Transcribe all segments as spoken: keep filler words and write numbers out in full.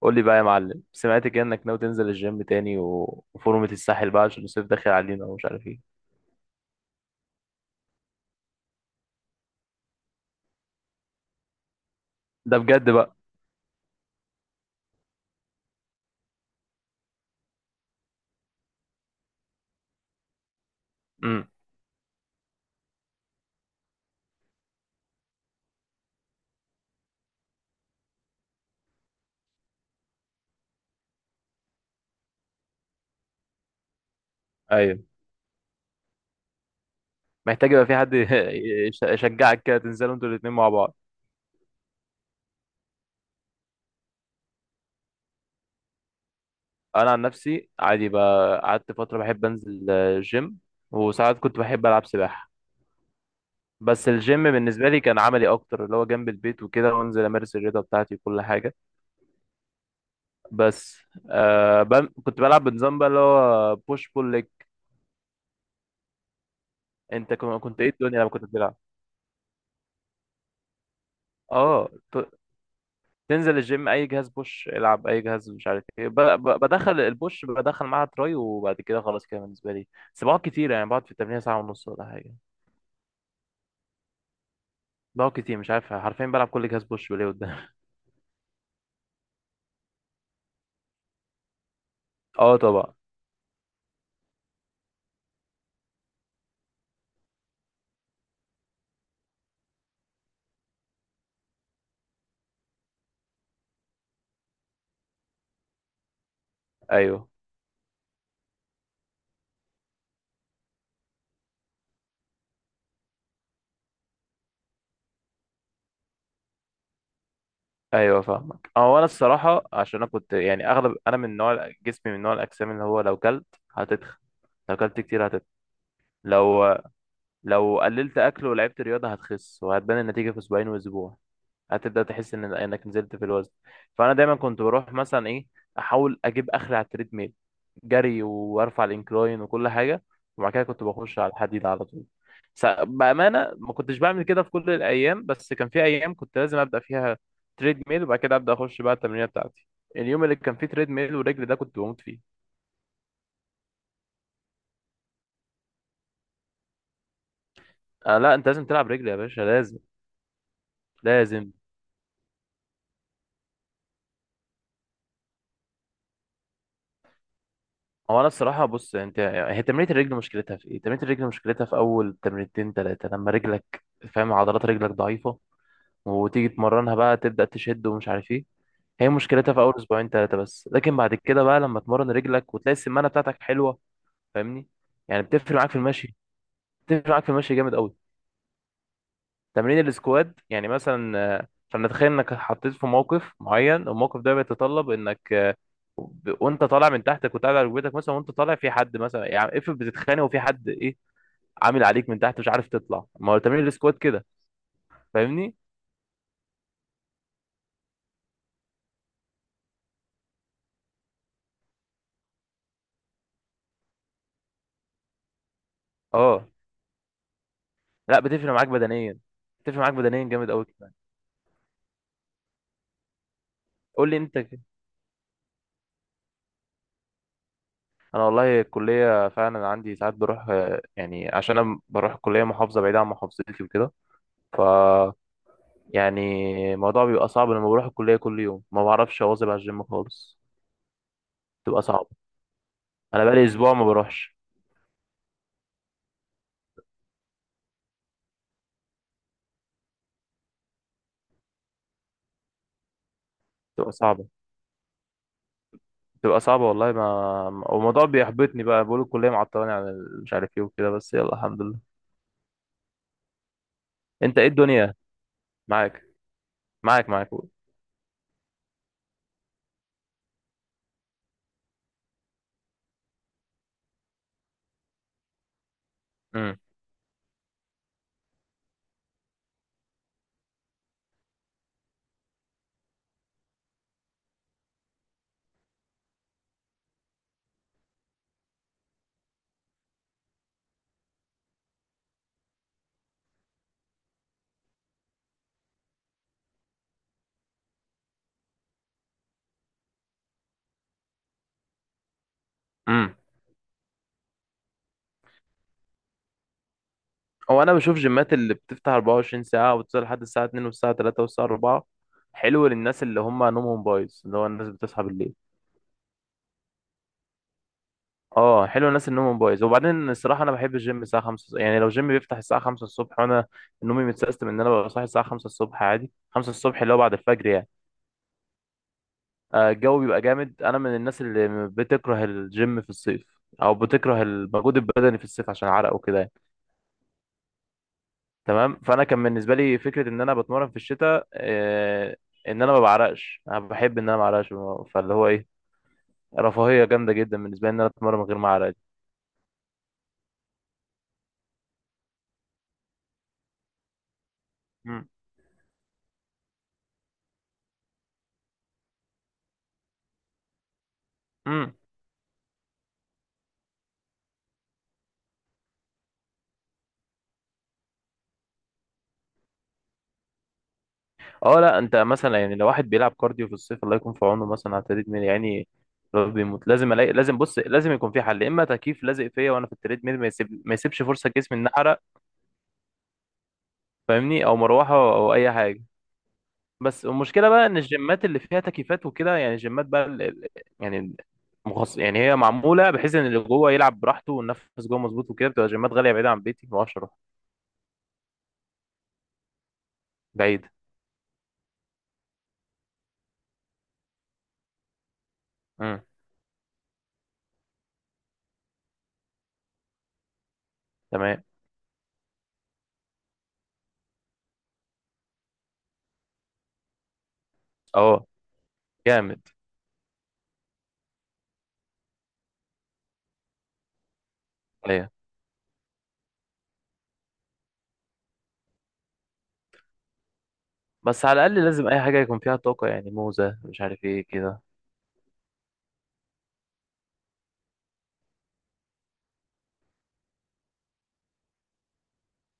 قول لي بقى يا معلم، سمعت كده انك ناوي تنزل الجيم تاني و... وفورمة الساحل بقى عشان الصيف داخل علينا ومش عارف ايه. ده بجد بقى. امم. ايوه. محتاج يبقى في حد يش- يشجعك كده، تنزلوا انتوا الاتنين مع بعض. انا عن نفسي عادي بقى، قعدت فترة بحب انزل آه، جيم. وساعات كنت بحب العب سباحة. بس الجيم بالنسبة لي كان عملي اكتر، اللي هو جنب البيت وكده، وانزل امارس الرياضة بتاعتي وكل حاجة. بس آه بل... كنت بلعب بنظام بقى، اللي هو بوش بول ليج. انت كن- كنت ايه الدنيا لما كنت بتلعب؟ اه، تنزل الجيم، اي جهاز بوش العب، اي جهاز مش عارف ايه، ب- ب- بدخل البوش، بدخل معاها تراي، وبعد كده خلاص كده بالنسبه لي. بس بقعد كتير يعني، بقعد في التمرين ساعه ونص ولا حاجه. بقعد كتير مش عارف، حرفيا بلعب كل جهاز، بوش وليه قدام. اه، طبعا. ايوه، ايوه، فاهمك، هو انا الصراحه، عشان انا كنت يعني اغلب، انا من نوع جسمي، من نوع الاجسام اللي هو لو كلت هتتخن. لو كلت كتير هتتخن. لو لو قللت اكل ولعبت رياضه، هتخس وهتبان النتيجه في اسبوعين واسبوع. هتبدا تحس ان انك نزلت في الوزن. فانا دايما كنت بروح مثلا ايه، احاول اجيب اخر على التريد ميل، جري وارفع الانكلاين وكل حاجه. وبعد كده كنت بخش على الحديد على طول. س- بامانه، ما كنتش بعمل كده في كل الايام، بس كان في ايام كنت لازم ابدا فيها تريد ميل، وبعد كده ابدا اخش بقى التمرينه بتاعتي. اليوم اللي كان فيه تريد ميل ورجل ده كنت بموت فيه. آه لا، انت لازم تلعب رجل يا باشا، لازم. لازم. هو انا الصراحه، بص انت، هي تمرينه الرجل مشكلتها في ايه؟ تمرينه الرجل مشكلتها في اول تمرينتين ثلاثه، لما رجلك فاهم؟ عضلات رجلك ضعيفه، وتيجي تمرنها بقى تبدا تشد ومش عارف ايه. هي مشكلتها في اول اسبوعين ثلاثه بس، لكن بعد كده بقى لما تمرن رجلك، وتلاقي السمانه بتاعتك حلوه. فاهمني؟ يعني بتفرق معاك في المشي. بتفرق معاك في المشي جامد قوي. تمرين السكواد يعني مثلا، آه، فلنتخيل انك حطيت في موقف معين، الموقف ده بيتطلب انك، آه، ب- وانت طالع من تحتك وتقعد على ركبتك مثلا، وانت طالع في حد مثلا، يعني افرض بتتخانق وفي حد ايه عامل عليك من تحت، مش عارف تطلع، ما هو تمرين السكوات كده. فاهمني؟ اه لا، بتفرق معاك بدنيا. بتفرق معاك بدنيا جامد قوي كمان. قول لي انت كده. انا والله الكليه فعلا عندي ساعات بروح، آه، يعني عشان انا بروح الكليه محافظه بعيده عن محافظتي وكده، ف، يعني، الموضوع بيبقى صعب، لما بروح الكليه كل يوم ما بعرفش اواظب على الجيم خالص. بتبقى صعبه. انا بقالي اسبوع ما بروحش. بتبقى صعبه. بتبقى صعبه والله، ما والموضوع بيحبطني بقى، بقول الكليه معطلاني عن ال- مش عارف ايه وكده، بس يلا الحمد لله. انت ايه الدنيا؟ معاك، معاك، معاك، قول. امم. امم. هو انا بشوف جيمات اللي بتفتح أربعة وعشرين ساعة ساعه، وتفضل لحد الساعه الثانية والساعه الثالثة والساعه الرابعة. حلو للناس اللي هم نومهم بايظ، اللي هو الناس بتصحى بالليل. اه، حلو الناس اللي نومهم بايظ، وبعدين الصراحه انا بحب الجيم الساعه خمسة، يعني لو جيم بيفتح الساعه خمسة الصبح، وانا نومي متسيستم ان انا ببقى صاحي الساعه خمسة الصبح عادي، خمسة الصبح اللي هو بعد الفجر يعني. آه، الجو بيبقى جامد، انا من الناس اللي بتكره الجيم في الصيف، او بتكره المجهود البدني في الصيف عشان عرق وكده يعني. تمام، فانا كان بالنسبه لي فكره ان انا بتمرن في الشتاء آه، ان انا ما بعرقش، انا بحب ان انا ما اعرقش، فاللي هو ايه، رفاهيه جامده جدا بالنسبه لي ان انا اتمرن من غير ما اعرق. مم. مم. اه لا، انت مثلا يعني لو واحد بيلعب كارديو في الصيف الله يكون في عونه، مثلا على التريدميل يعني، لو بيموت لازم الاقي، لازم بص، لازم يكون في حل، يا اما تكييف لازق فيا وانا في التريدميل، ما يسيب ما يسيبش فرصه جسمي ان احرق. فاهمني؟ او مروحه او اي حاجه. بس المشكله بقى ان الجيمات اللي فيها تكييفات وكده، يعني الجيمات بقى ال- ال- يعني مخصص، يعني هي معموله بحيث ان اللي جوه يلعب براحته والنفس جوه مظبوط وكده، بتبقى جيمات غاليه بعيده عن بيتي، ما اعرفش اروح بعيد. امم. تمام. اه. جامد. ايوه، بس على الاقل لازم اي حاجه يكون فيها طاقه، يعني موزه مش عارف ايه كده.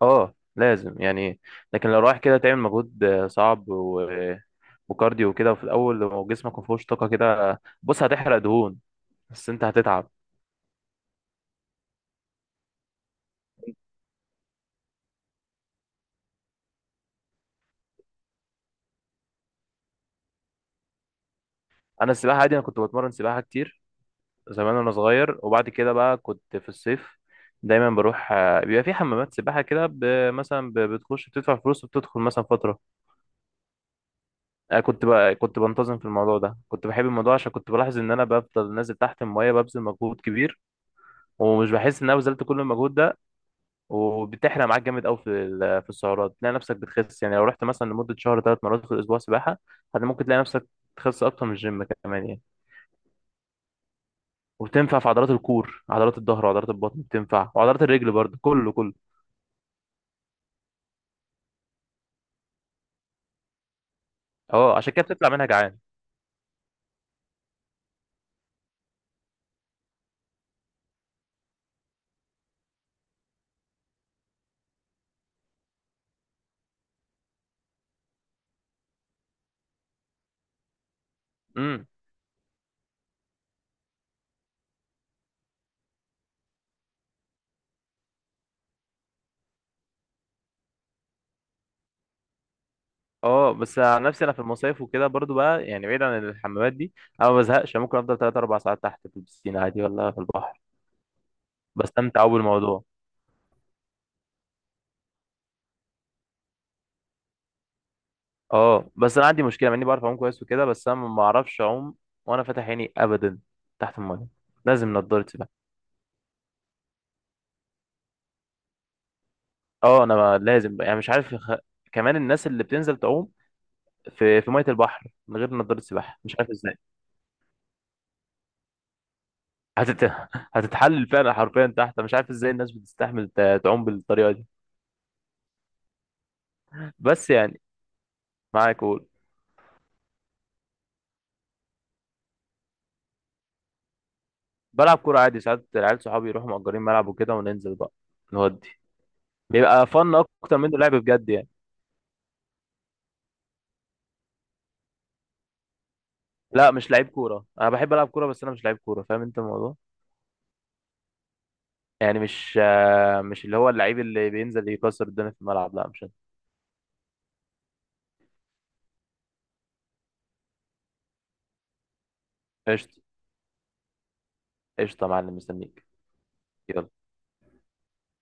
اه لازم يعني. لكن لو رايح كده تعمل مجهود آه، صعب و... وكارديو وكده، وفي الاول لو جسمك ما فيهوش طاقه كده، بص هتحرق دهون، بس انت هتتعب. انا السباحه عادي، انا كنت بتمرن سباحه كتير زمان وانا صغير، وبعد كده بقى كنت في الصيف دايما بروح، آه، بيبقى في حمامات سباحه كده، ب- مثلا ب- بتخش بتدفع فلوس وبتدخل مثلا فتره. آه، كنت بقى كنت بنتظم في الموضوع ده، كنت بحب الموضوع، عشان كنت بلاحظ ان انا بفضل نازل تحت الميه ببذل مجهود كبير، ومش بحس ان انا بذلت كل المجهود ده. وبتحرق معاك جامد قوي في ال- في السعرات، تلاقي نفسك بتخس، يعني لو رحت مثلا لمده شهر ثلاث مرات في الاسبوع سباحه، هت- ممكن تلاقي نفسك تخس اكتر من الجيم كمان يعني. وبتنفع في عضلات الكور، عضلات الظهر وعضلات البطن بتنفع، وعضلات الرجل برضه، كله كله. اه، عشان كده بتطلع منها جعان. امم. اه، بس عن نفسي انا في المصايف وكده برضو بقى يعني، بعيد عن الحمامات دي، انا ما بزهقش، ممكن افضل ثلاث أربع ساعات تحت في البسين عادي، ولا في البحر. بستمتع قوي بالموضوع. اه، بس انا عندي مشكله مع اني بعرف اعوم كويس وكده، بس انا ما اعرفش اعوم وانا فاتح عيني ابدا تحت الميه، لازم نضاره سباحه. اه، انا ما- لازم يعني، مش عارف خ... كمان الناس اللي بتنزل تعوم في في ميه البحر من غير نضاره سباحه، مش عارف ازاي. هتت... هتتحلل فعلا حرفيا تحت، أنا مش عارف ازاي الناس بتستحمل ت- تعوم بالطريقه دي. بس يعني، معاك قول. بلعب كورة عادي، ساعات العيال صحابي يروحوا مأجرين ملعب وكده وننزل بقى نودي، بيبقى فن أكتر منه لعب بجد يعني. لا، مش لعيب كورة، أنا بحب ألعب كورة بس أنا مش لعيب كورة، فاهم أنت الموضوع؟ يعني مش آه، مش اللي هو اللعيب اللي بينزل يكسر الدنيا في الملعب، لا مش أنا. قشطة. قشطة يا معلم، مستنيك. يلا.